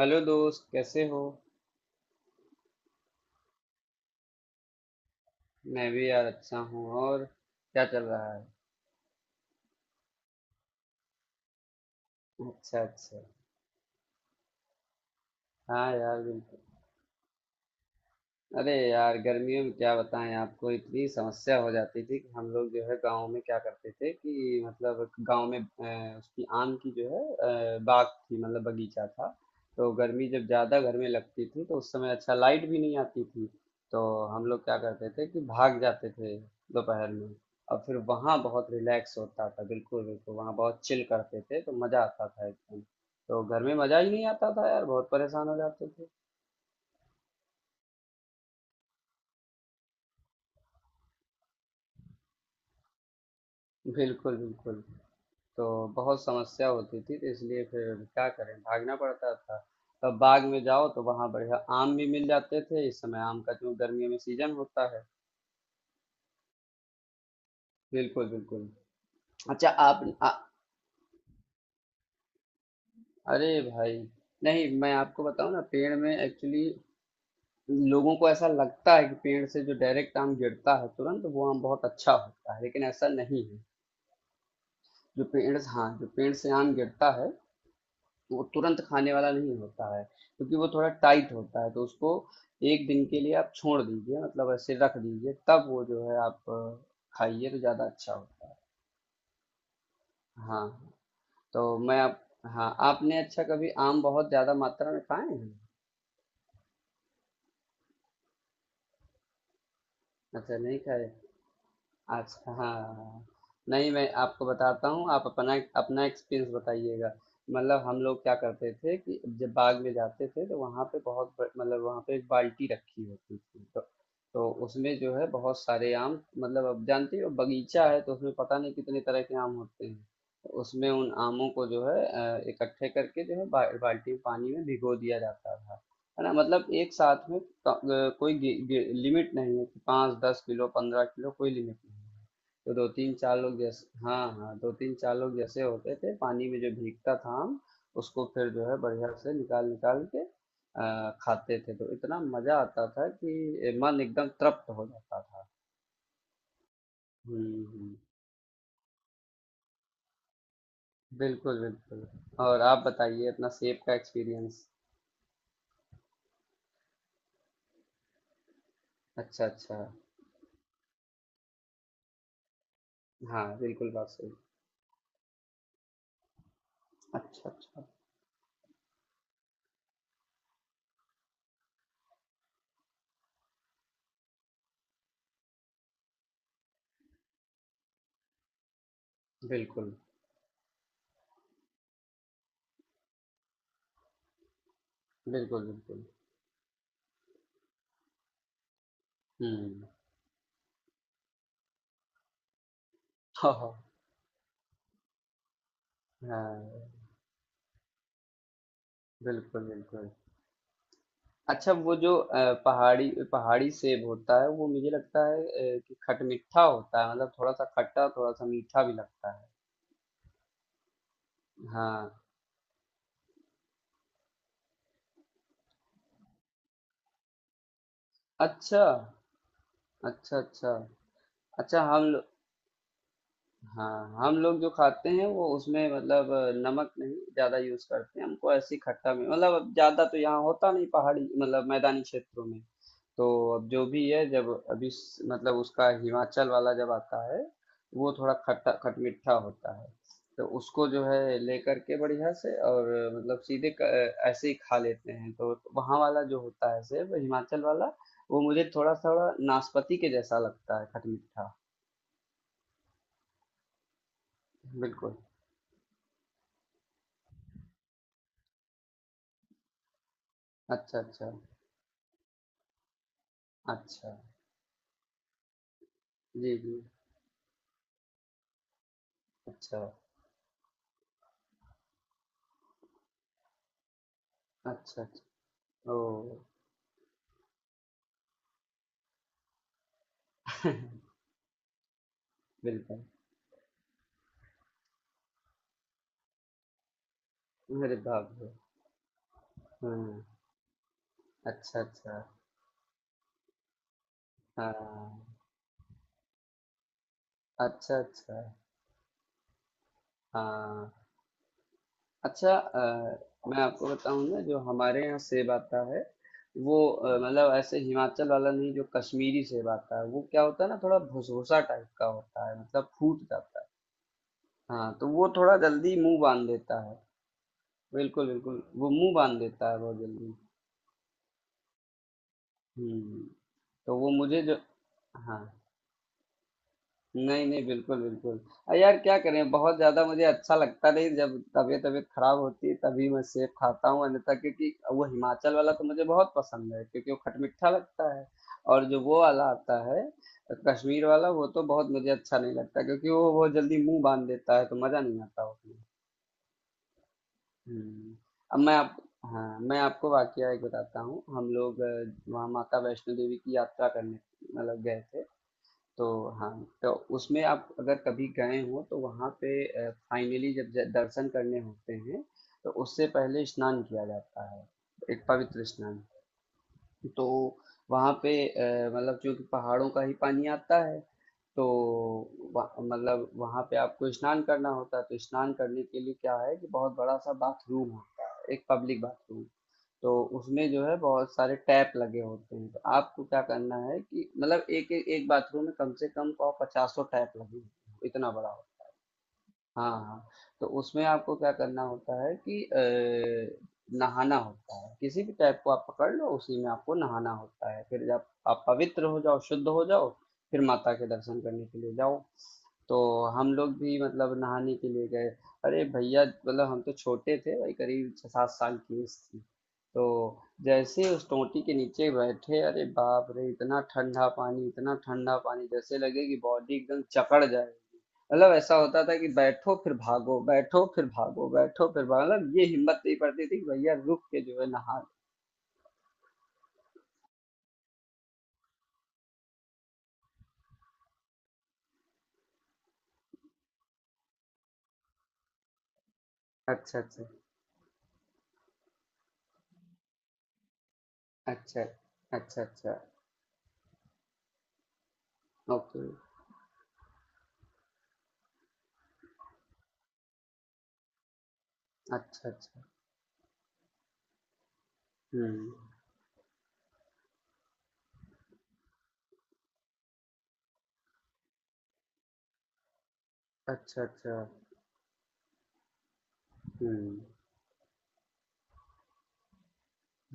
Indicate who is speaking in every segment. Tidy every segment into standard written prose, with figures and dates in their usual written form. Speaker 1: Hello दोस्त, कैसे हो? मैं भी यार अच्छा हूँ। और क्या चल रहा है? अच्छा, अच्छा। हाँ यार, बिल्कुल। अरे यार, गर्मियों में क्या बताएं, आपको इतनी समस्या हो जाती थी कि हम लोग जो है गांव में क्या करते थे कि मतलब गांव में उसकी आम की जो है बाग थी मतलब बगीचा था। तो गर्मी जब ज़्यादा घर में लगती थी तो उस समय अच्छा लाइट भी नहीं आती थी। तो हम लोग क्या करते थे कि भाग जाते थे दोपहर में। और फिर वहाँ बहुत रिलैक्स होता था, बिल्कुल बिल्कुल वहाँ बहुत चिल करते थे तो मज़ा आता था एकदम। तो घर में मज़ा ही नहीं आता था यार, बहुत परेशान हो जाते थे। बिल्कुल, बिल्कुल। तो बहुत समस्या होती थी तो इसलिए फिर क्या करें, भागना पड़ता था। तब बाग में जाओ तो वहाँ बढ़िया आम भी मिल जाते थे, इस समय आम का जो गर्मियों में सीजन होता है। बिल्कुल, बिल्कुल। अच्छा आप अरे भाई, नहीं मैं आपको बताऊँ ना पेड़ में एक्चुअली लोगों को ऐसा लगता है कि पेड़ से जो डायरेक्ट आम गिरता है तुरंत वो आम बहुत अच्छा होता है, लेकिन ऐसा नहीं है। जो पेड़ हाँ, जो पेड़ से आम गिरता है वो तुरंत खाने वाला नहीं होता है। क्योंकि वो थोड़ा टाइट होता है तो उसको एक दिन के लिए आप छोड़ दीजिए, मतलब ऐसे रख दीजिए तब वो जो है आप खाइए तो ज़्यादा अच्छा होता है। हाँ। तो मैं आप हाँ, आपने अच्छा कभी आम बहुत ज़्यादा मात्रा में खाए हैं? अच्छा नहीं खाए। अच्छा, हाँ। नहीं, मैं आपको बताता हूँ आप अपना अपना एक्सपीरियंस बताइएगा। मतलब हम लोग क्या करते थे कि जब बाग में जाते थे तो वहाँ पे बहुत मतलब वहाँ पे एक बाल्टी रखी होती थी, तो उसमें जो है बहुत सारे आम, मतलब अब जानते हो बगीचा है तो उसमें पता नहीं कितने तरह के आम होते हैं। तो उसमें उन आमों को जो है इकट्ठे करके जो है बाल्टी में पानी में भिगो दिया जाता था। है ना, मतलब एक साथ में। क- कोई लिमिट नहीं है कि 5-10 किलो 15 किलो, कोई लिमिट नहीं है। तो दो तीन चार लोग जैसे, हाँ हाँ, दो तीन चार लोग जैसे होते थे पानी में जो भीगता था, हम उसको फिर जो है बढ़िया से निकाल निकाल के खाते थे तो इतना मजा आता था कि मन एकदम तृप्त हो जाता था। हम्म, बिल्कुल, बिल्कुल। और आप बताइए अपना सेब का एक्सपीरियंस। अच्छा, अच्छा। हाँ, बिल्कुल बात सही। अच्छा, अच्छा। बिल्कुल, बिल्कुल, बिल्कुल। हुँ। हाँ, हाँ। हाँ, बिल्कुल, बिल्कुल। अच्छा, वो जो पहाड़ी पहाड़ी सेब होता है, वो मुझे लगता है कि खटमिठा होता है, मतलब थोड़ा-सा खट्टा, थोड़ा-सा मीठा भी लगता है। हाँ। अच्छा। अच्छा, अच्छा। अच्छा हम हाँ, हम लोग जो खाते हैं वो उसमें मतलब नमक नहीं ज्यादा यूज करते हैं, हमको ऐसी खट्टा में मतलब अब ज्यादा तो यहाँ होता नहीं पहाड़ी, मतलब मैदानी क्षेत्रों में। तो अब जो भी है जब अभी मतलब उसका हिमाचल वाला जब आता है वो थोड़ा खट्टा खटमिठा होता है। तो उसको जो है लेकर के बढ़िया से और मतलब सीधे ऐसे ही खा लेते हैं तो वहाँ वाला जो होता है सेब, हिमाचल वाला, वो मुझे थोड़ा थोड़ा नाशपाती के जैसा लगता है, खटमिठा। बिल्कुल। अच्छा, अच्छा। अच्छा, जी, जी। अच्छा, अच्छा, अच्छा। ओह! बिल्कुल। अरे बाप रे! हाँ। अच्छा, अच्छा। हाँ। अच्छा, अच्छा। हाँ। अच्छा, मैं आपको बताऊँ ना जो हमारे यहाँ सेब आता है वो मतलब ऐसे हिमाचल वाला नहीं, जो कश्मीरी सेब आता है वो क्या होता है ना थोड़ा भुसभुसा टाइप का होता है, मतलब फूट जाता है। हाँ, तो वो थोड़ा जल्दी मुँह बाँध देता है। बिल्कुल, बिल्कुल। वो मुँह बाँध देता है बहुत जल्दी। हुँ। तो वो मुझे जो हाँ। नहीं, नहीं, बिल्कुल, बिल्कुल, यार क्या करें, बहुत ज्यादा मुझे अच्छा लगता नहीं, जब तबीयत तबीयत खराब होती है तभी मैं सेब खाता हूँ, अन्यथा क्योंकि वो हिमाचल वाला तो मुझे बहुत पसंद है क्योंकि वो खटमिठा लगता है। और जो वो वाला आता है कश्मीर वाला, वो तो बहुत मुझे अच्छा नहीं लगता क्योंकि वो बहुत जल्दी मुंह बांध देता है तो मजा नहीं आता उसमें। हम्म। अब मैं आप हाँ, मैं आपको वाकया एक बताता हूँ। हम लोग वहाँ माता वैष्णो देवी की यात्रा करने मतलब गए थे। तो हाँ, तो उसमें आप अगर कभी गए हो तो वहाँ पे फाइनली जब दर्शन करने होते हैं तो उससे पहले स्नान किया जाता है, एक पवित्र स्नान। तो वहाँ पे मतलब चूंकि पहाड़ों का ही पानी आता है, तो मतलब वहाँ पे आपको स्नान करना होता है। तो स्नान करने के लिए क्या है कि बहुत बड़ा सा बाथरूम होता है, एक पब्लिक बाथरूम। तो उसमें जो है बहुत सारे टैप लगे होते हैं, तो आपको क्या करना है कि मतलब एक एक, एक बाथरूम में कम से कम पचासों टैप लगे होते हैं, इतना बड़ा होता है। हाँ, हाँ। तो उसमें आपको क्या करना होता है कि नहाना होता है, किसी भी टाइप को आप पकड़ लो, उसी में आपको नहाना होता है, फिर जब आप पवित्र हो जाओ, शुद्ध हो जाओ, फिर माता के दर्शन करने के लिए जाओ। तो हम लोग भी मतलब नहाने के लिए गए। अरे भैया, मतलब हम तो छोटे थे भाई, करीब 6-7 साल की उम्र थी। तो जैसे ही उस टोंटी के नीचे बैठे, अरे बाप रे, इतना ठंडा पानी, इतना ठंडा पानी, जैसे लगे कि बॉडी एकदम जकड़ जाए। मतलब ऐसा होता था कि बैठो फिर भागो, बैठो फिर भागो, बैठो फिर भागो, मतलब ये हिम्मत नहीं पड़ती थी कि भैया रुक के जो है नहा लें। अच्छा, अच्छा, अच्छा, अच्छा। अच्छा, ओके। अच्छा, अच्छा। हम्म। अच्छा, अच्छा। हम्म।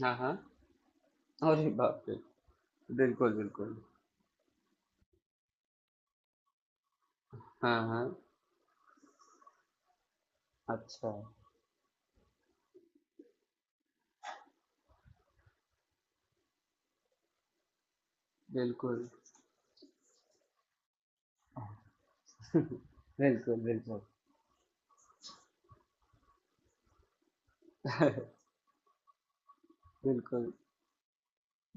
Speaker 1: हाँ, हाँ। अरे बाप रे! बिल्कुल, बिल्कुल। हाँ, हाँ। अच्छा। बिल्कुल, बिल्कुल, बिल्कुल। बिल्कुल।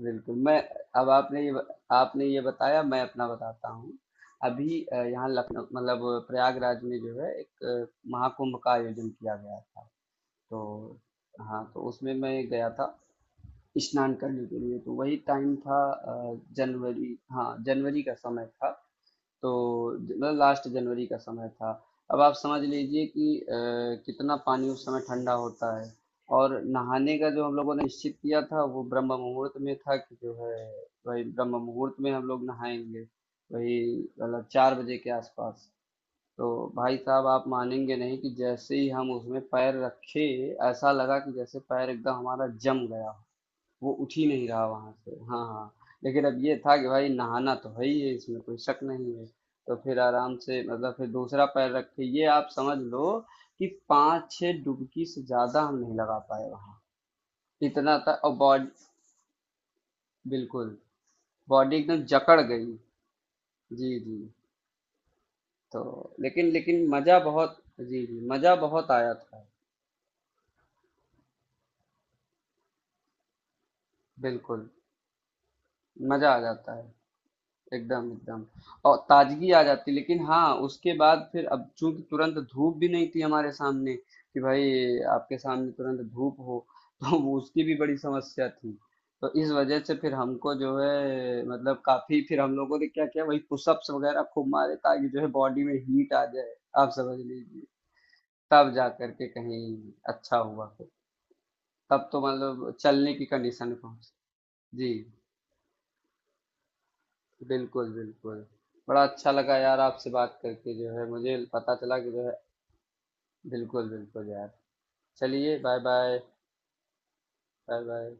Speaker 1: बिल्कुल मैं अब आपने ये बताया, मैं अपना बताता हूँ। अभी यहाँ लखनऊ मतलब प्रयागराज में जो है एक महाकुंभ का आयोजन किया गया था। तो हाँ, तो उसमें मैं गया था स्नान करने के लिए, तो वही टाइम था जनवरी, हाँ जनवरी का समय था। तो लास्ट जनवरी का समय था, अब आप समझ लीजिए कि कितना पानी उस समय ठंडा होता है। और नहाने का जो हम लोगों ने निश्चित किया था वो ब्रह्म मुहूर्त में था, कि जो है वही ब्रह्म मुहूर्त में हम लोग नहाएंगे। वही मतलब 4 बजे के आसपास। तो भाई साहब, आप मानेंगे नहीं कि जैसे ही हम उसमें पैर रखे, ऐसा लगा कि जैसे पैर एकदम हमारा जम गया हो, वो उठ ही नहीं रहा वहां से। हाँ, हाँ। लेकिन अब ये था कि भाई नहाना तो है ही है, इसमें कोई शक नहीं है। तो फिर आराम से मतलब फिर दूसरा पैर रख के ये आप समझ लो कि 5-6 डुबकी से ज्यादा हम नहीं लगा पाए वहां। इतना था, और बॉडी, बिल्कुल, बॉडी एकदम जकड़ गई। जी, जी। तो लेकिन लेकिन मजा बहुत। जी, जी, मजा बहुत आया था। बिल्कुल, मजा आ जाता है एकदम एकदम। और ताजगी आ जाती, लेकिन हाँ उसके बाद फिर अब चूंकि तुरंत धूप भी नहीं थी हमारे सामने कि भाई आपके सामने तुरंत धूप हो। तो वो उसकी भी बड़ी समस्या थी। तो इस वजह से फिर हमको जो है मतलब काफी फिर हम लोगों ने क्या किया वही पुशअप्स वगैरह खूब मारे ताकि जो है बॉडी में हीट आ जाए। आप समझ लीजिए, तब जा करके कहीं अच्छा हुआ फिर, तब तो मतलब चलने की कंडीशन में पहुंच। जी, बिल्कुल, बिल्कुल। बड़ा अच्छा लगा यार आपसे बात करके, जो है मुझे पता चला कि जो है, बिल्कुल, बिल्कुल यार। चलिए, बाय-बाय। बाय-बाय।